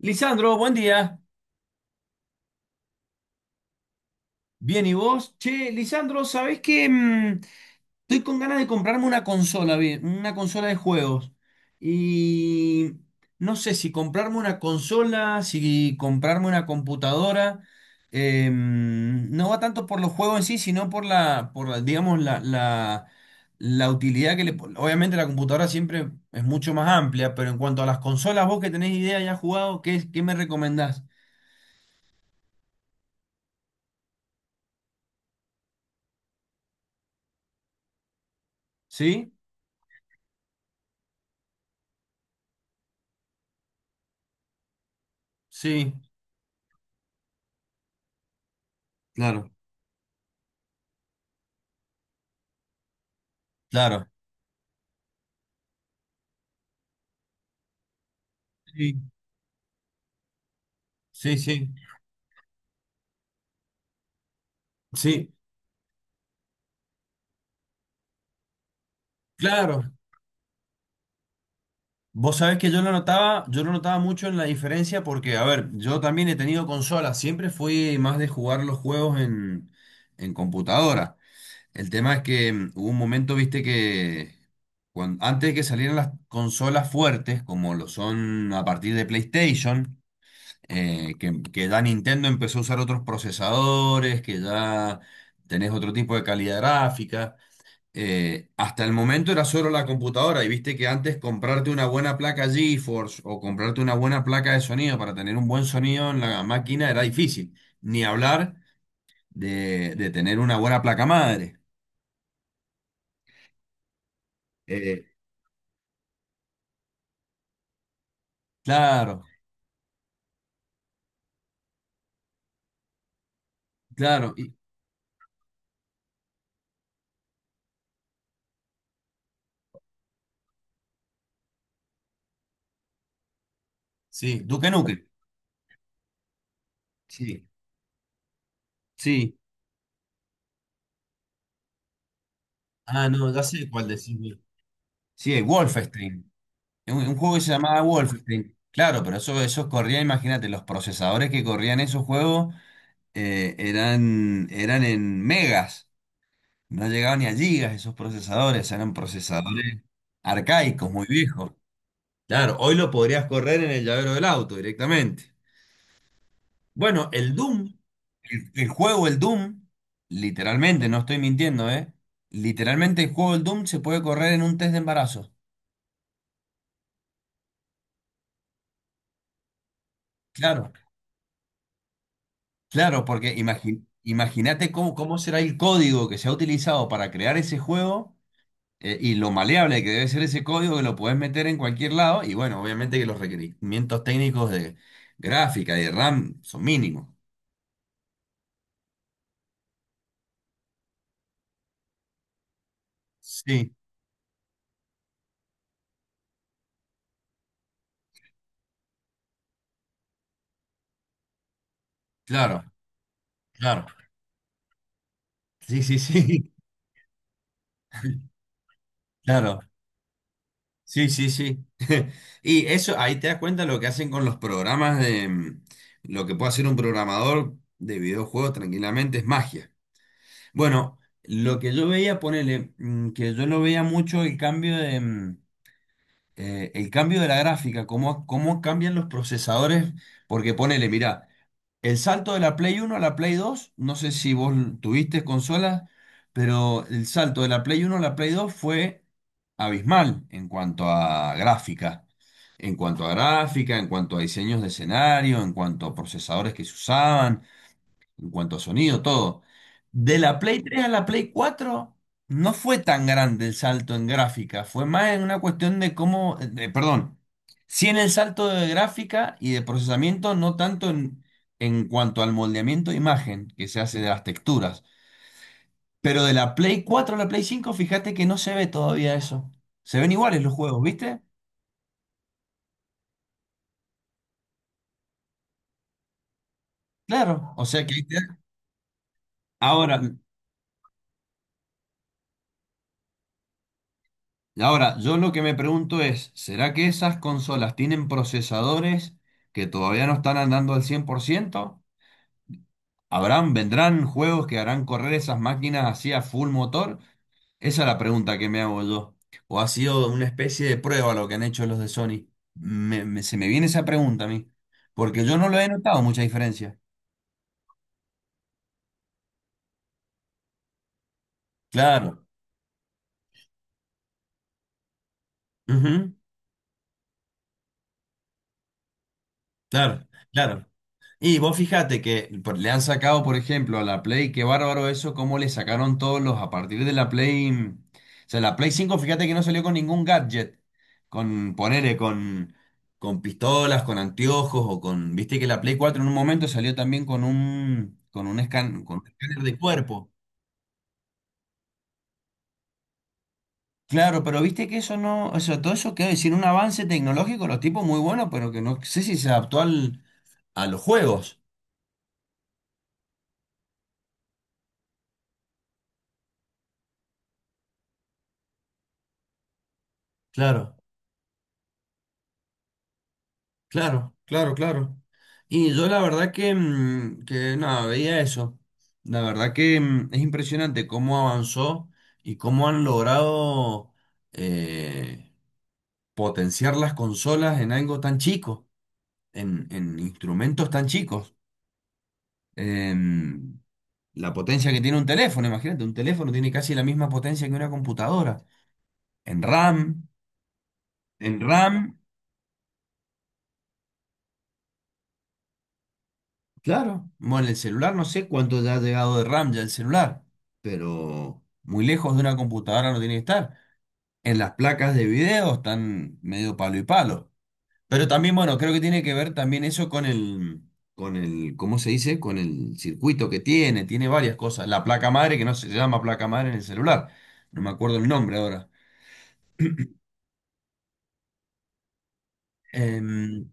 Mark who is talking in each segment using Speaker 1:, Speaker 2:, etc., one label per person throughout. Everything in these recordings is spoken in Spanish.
Speaker 1: Lisandro, buen día. Bien, ¿y vos? Che, Lisandro, ¿sabés qué? Estoy con ganas de comprarme una consola, bien, una consola de juegos. Y no sé si comprarme una consola, si comprarme una computadora. No va tanto por los juegos en sí, sino por la, digamos, la utilidad que le. Obviamente la computadora siempre es mucho más amplia, pero en cuanto a las consolas, vos que tenés idea ya has jugado, ¿qué me recomendás? ¿Sí? Sí, claro. Claro. Sí. Sí, sí, sí, claro. Vos sabés que yo lo notaba mucho en la diferencia porque, a ver, yo también he tenido consolas, siempre fui más de jugar los juegos en computadora. El tema es que hubo un momento, viste, que antes de que salieran las consolas fuertes, como lo son a partir de PlayStation, que ya Nintendo empezó a usar otros procesadores, que ya tenés otro tipo de calidad gráfica. Hasta el momento era solo la computadora y viste que antes comprarte una buena placa GeForce o comprarte una buena placa de sonido para tener un buen sonido en la máquina era difícil, ni hablar de tener una buena placa madre. Eh, claro, claro, sí, Duke Nukem, sí, sí. Ah, no, ya sé cuál decís. Sí, el Wolfenstein, un juego que se llamaba Wolfenstein. Claro, pero eso corría, imagínate, los procesadores que corrían esos juegos. Eran en megas, no llegaban ni a gigas esos procesadores, eran procesadores arcaicos, muy viejos. Claro, hoy lo podrías correr en el llavero del auto directamente. Bueno, el Doom, el juego, el Doom, literalmente, no estoy mintiendo, ¿eh? Literalmente el juego, el Doom se puede correr en un test de embarazo. Claro, claro, porque imagínate cómo será el código que se ha utilizado para crear ese juego. Y lo maleable que debe ser ese código que lo puedes meter en cualquier lado. Y bueno, obviamente que los requerimientos técnicos de gráfica y de RAM son mínimos. Sí, claro, claro. Sí, sí, sí, claro. Sí, sí, sí. Y eso, ahí te das cuenta lo que hacen con los programas de lo que puede hacer un programador de videojuegos tranquilamente es magia. Bueno, lo que yo veía, ponele, que yo no veía mucho el cambio de. El cambio de la gráfica, cómo cambian los procesadores, porque ponele, mirá, el salto de la Play uno a la Play 2 no sé si vos tuviste consolas, pero el salto de la Play uno a la Play 2 fue abismal en cuanto a gráfica, en cuanto a gráfica, en cuanto a diseños de escenario, en cuanto a procesadores que se usaban, en cuanto a sonido, todo. De la Play 3 a la Play 4 no fue tan grande el salto en gráfica, fue más en una cuestión de cómo, perdón, sí en el salto de gráfica y de procesamiento, no tanto en, cuanto al moldeamiento de imagen que se hace de las texturas. Pero de la Play 4 a la Play 5, fíjate que no se ve todavía eso. Se ven iguales los juegos, ¿viste? Claro, o sea que ahí Ahora, yo lo que me pregunto es, ¿será que esas consolas tienen procesadores que todavía no están andando al 100%? ¿Habrán, vendrán juegos que harán correr esas máquinas así a full motor? Esa es la pregunta que me hago yo. ¿O ha sido una especie de prueba lo que han hecho los de Sony? Se me viene esa pregunta a mí, porque yo no lo he notado mucha diferencia. Claro, ujú, claro, claro. Y vos fíjate que le han sacado, por ejemplo, a la Play, qué bárbaro eso, cómo le sacaron todos los a partir de la Play. O sea, la Play 5 fíjate que no salió con ningún gadget, con ponele, con pistolas, con anteojos o con. Viste que la Play 4 en un momento salió también con un escáner de cuerpo. Claro, pero viste que eso no, o sea, todo eso quiero decir, un avance tecnológico, los tipos muy buenos, pero que no sé si se adaptó a los juegos. Claro. Claro, claro, claro. Y yo la verdad que, que nada, veía eso. La verdad que es impresionante cómo avanzó y cómo han logrado eh, potenciar las consolas en algo tan chico, en, instrumentos tan chicos. Em, la potencia que tiene un teléfono, imagínate, un teléfono tiene casi la misma potencia que una computadora. En RAM, en RAM claro, bueno, el celular no sé cuánto ya ha llegado de RAM ya el celular, pero muy lejos de una computadora no tiene que estar. En las placas de video están medio palo y palo. Pero también, bueno, creo que tiene que ver también eso con el, ¿cómo se dice? Con el circuito que tiene, varias cosas. La placa madre, que no se llama placa madre en el celular, no me acuerdo el nombre ahora. Em,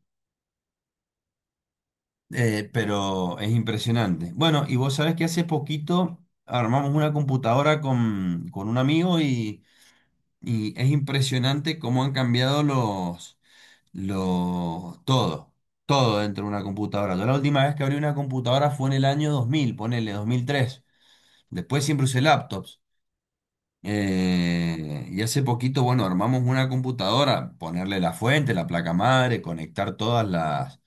Speaker 1: Pero es impresionante. Bueno, y vos sabés que hace poquito armamos una computadora con un amigo y es impresionante cómo han cambiado los, todo, todo dentro de una computadora. Yo la última vez que abrí una computadora fue en el año 2000, ponele 2003. Después siempre usé laptops. Y hace poquito, bueno, armamos una computadora, ponerle la fuente, la placa madre, conectar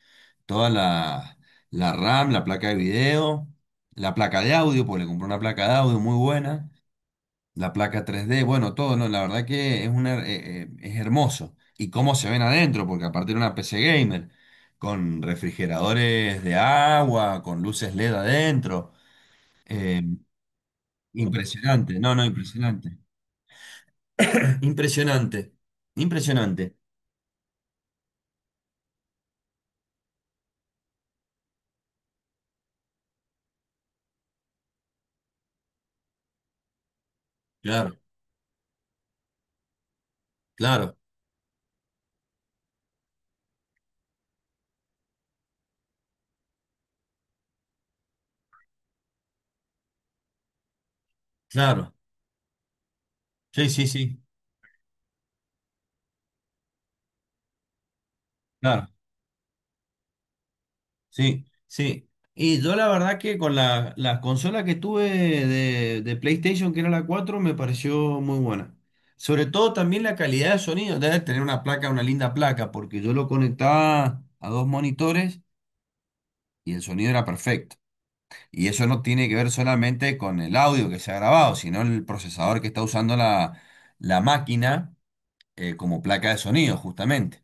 Speaker 1: toda la RAM, la placa de video, la placa de audio, pues le compré una placa de audio muy buena, la placa 3D, bueno, todo, no, la verdad que es una, es hermoso. Y cómo se ven adentro, porque aparte era una PC gamer, con refrigeradores de agua, con luces LED adentro. eh, Impresionante, no, no, impresionante. Impresionante, impresionante. Claro, claro, claro. Sí, sí, sí, claro. Sí, sí. Y yo la verdad que con la, la consola que tuve de PlayStation, que era la 4 me pareció muy buena. Sobre todo también la calidad de sonido. Debe tener una placa, una linda placa, porque yo lo conectaba a dos monitores y el sonido era perfecto. Y eso no tiene que ver solamente con el audio que se ha grabado, sino el procesador que está usando la, la máquina como placa de sonido, justamente.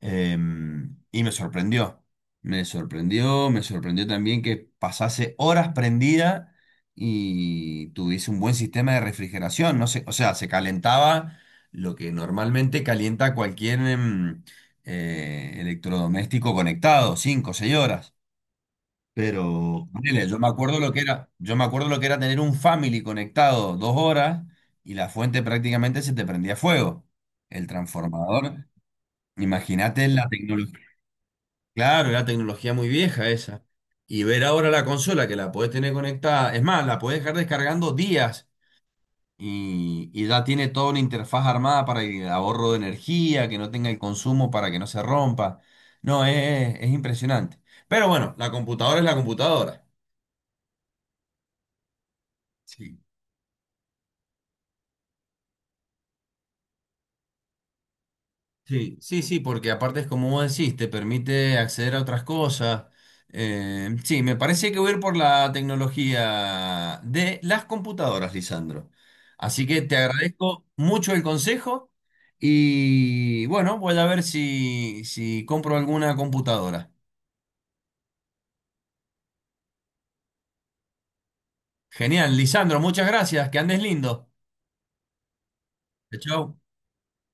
Speaker 1: Y me sorprendió. Me sorprendió, me sorprendió también que pasase horas prendida y tuviese un buen sistema de refrigeración. No sé, o sea, se calentaba lo que normalmente calienta cualquier electrodoméstico conectado, cinco o 6 horas. Pero ponele, yo me acuerdo lo que era, yo me acuerdo lo que era tener un family conectado 2 horas y la fuente prácticamente se te prendía fuego. El transformador. Imagínate la tecnología. Claro, era tecnología muy vieja esa. Y ver ahora la consola que la podés tener conectada, es más, la podés dejar descargando días y ya tiene toda una interfaz armada para el ahorro de energía, que no tenga el consumo para que no se rompa. No, es impresionante. Pero bueno, la computadora es la computadora. Sí. Sí, sí, sí, porque aparte es como vos decís, te permite acceder a otras cosas. Sí, me parece que voy a ir por la tecnología de las computadoras, Lisandro. Así que te agradezco mucho el consejo y bueno, voy a ver si compro alguna computadora. Genial, Lisandro, muchas gracias, que andes lindo. Chao.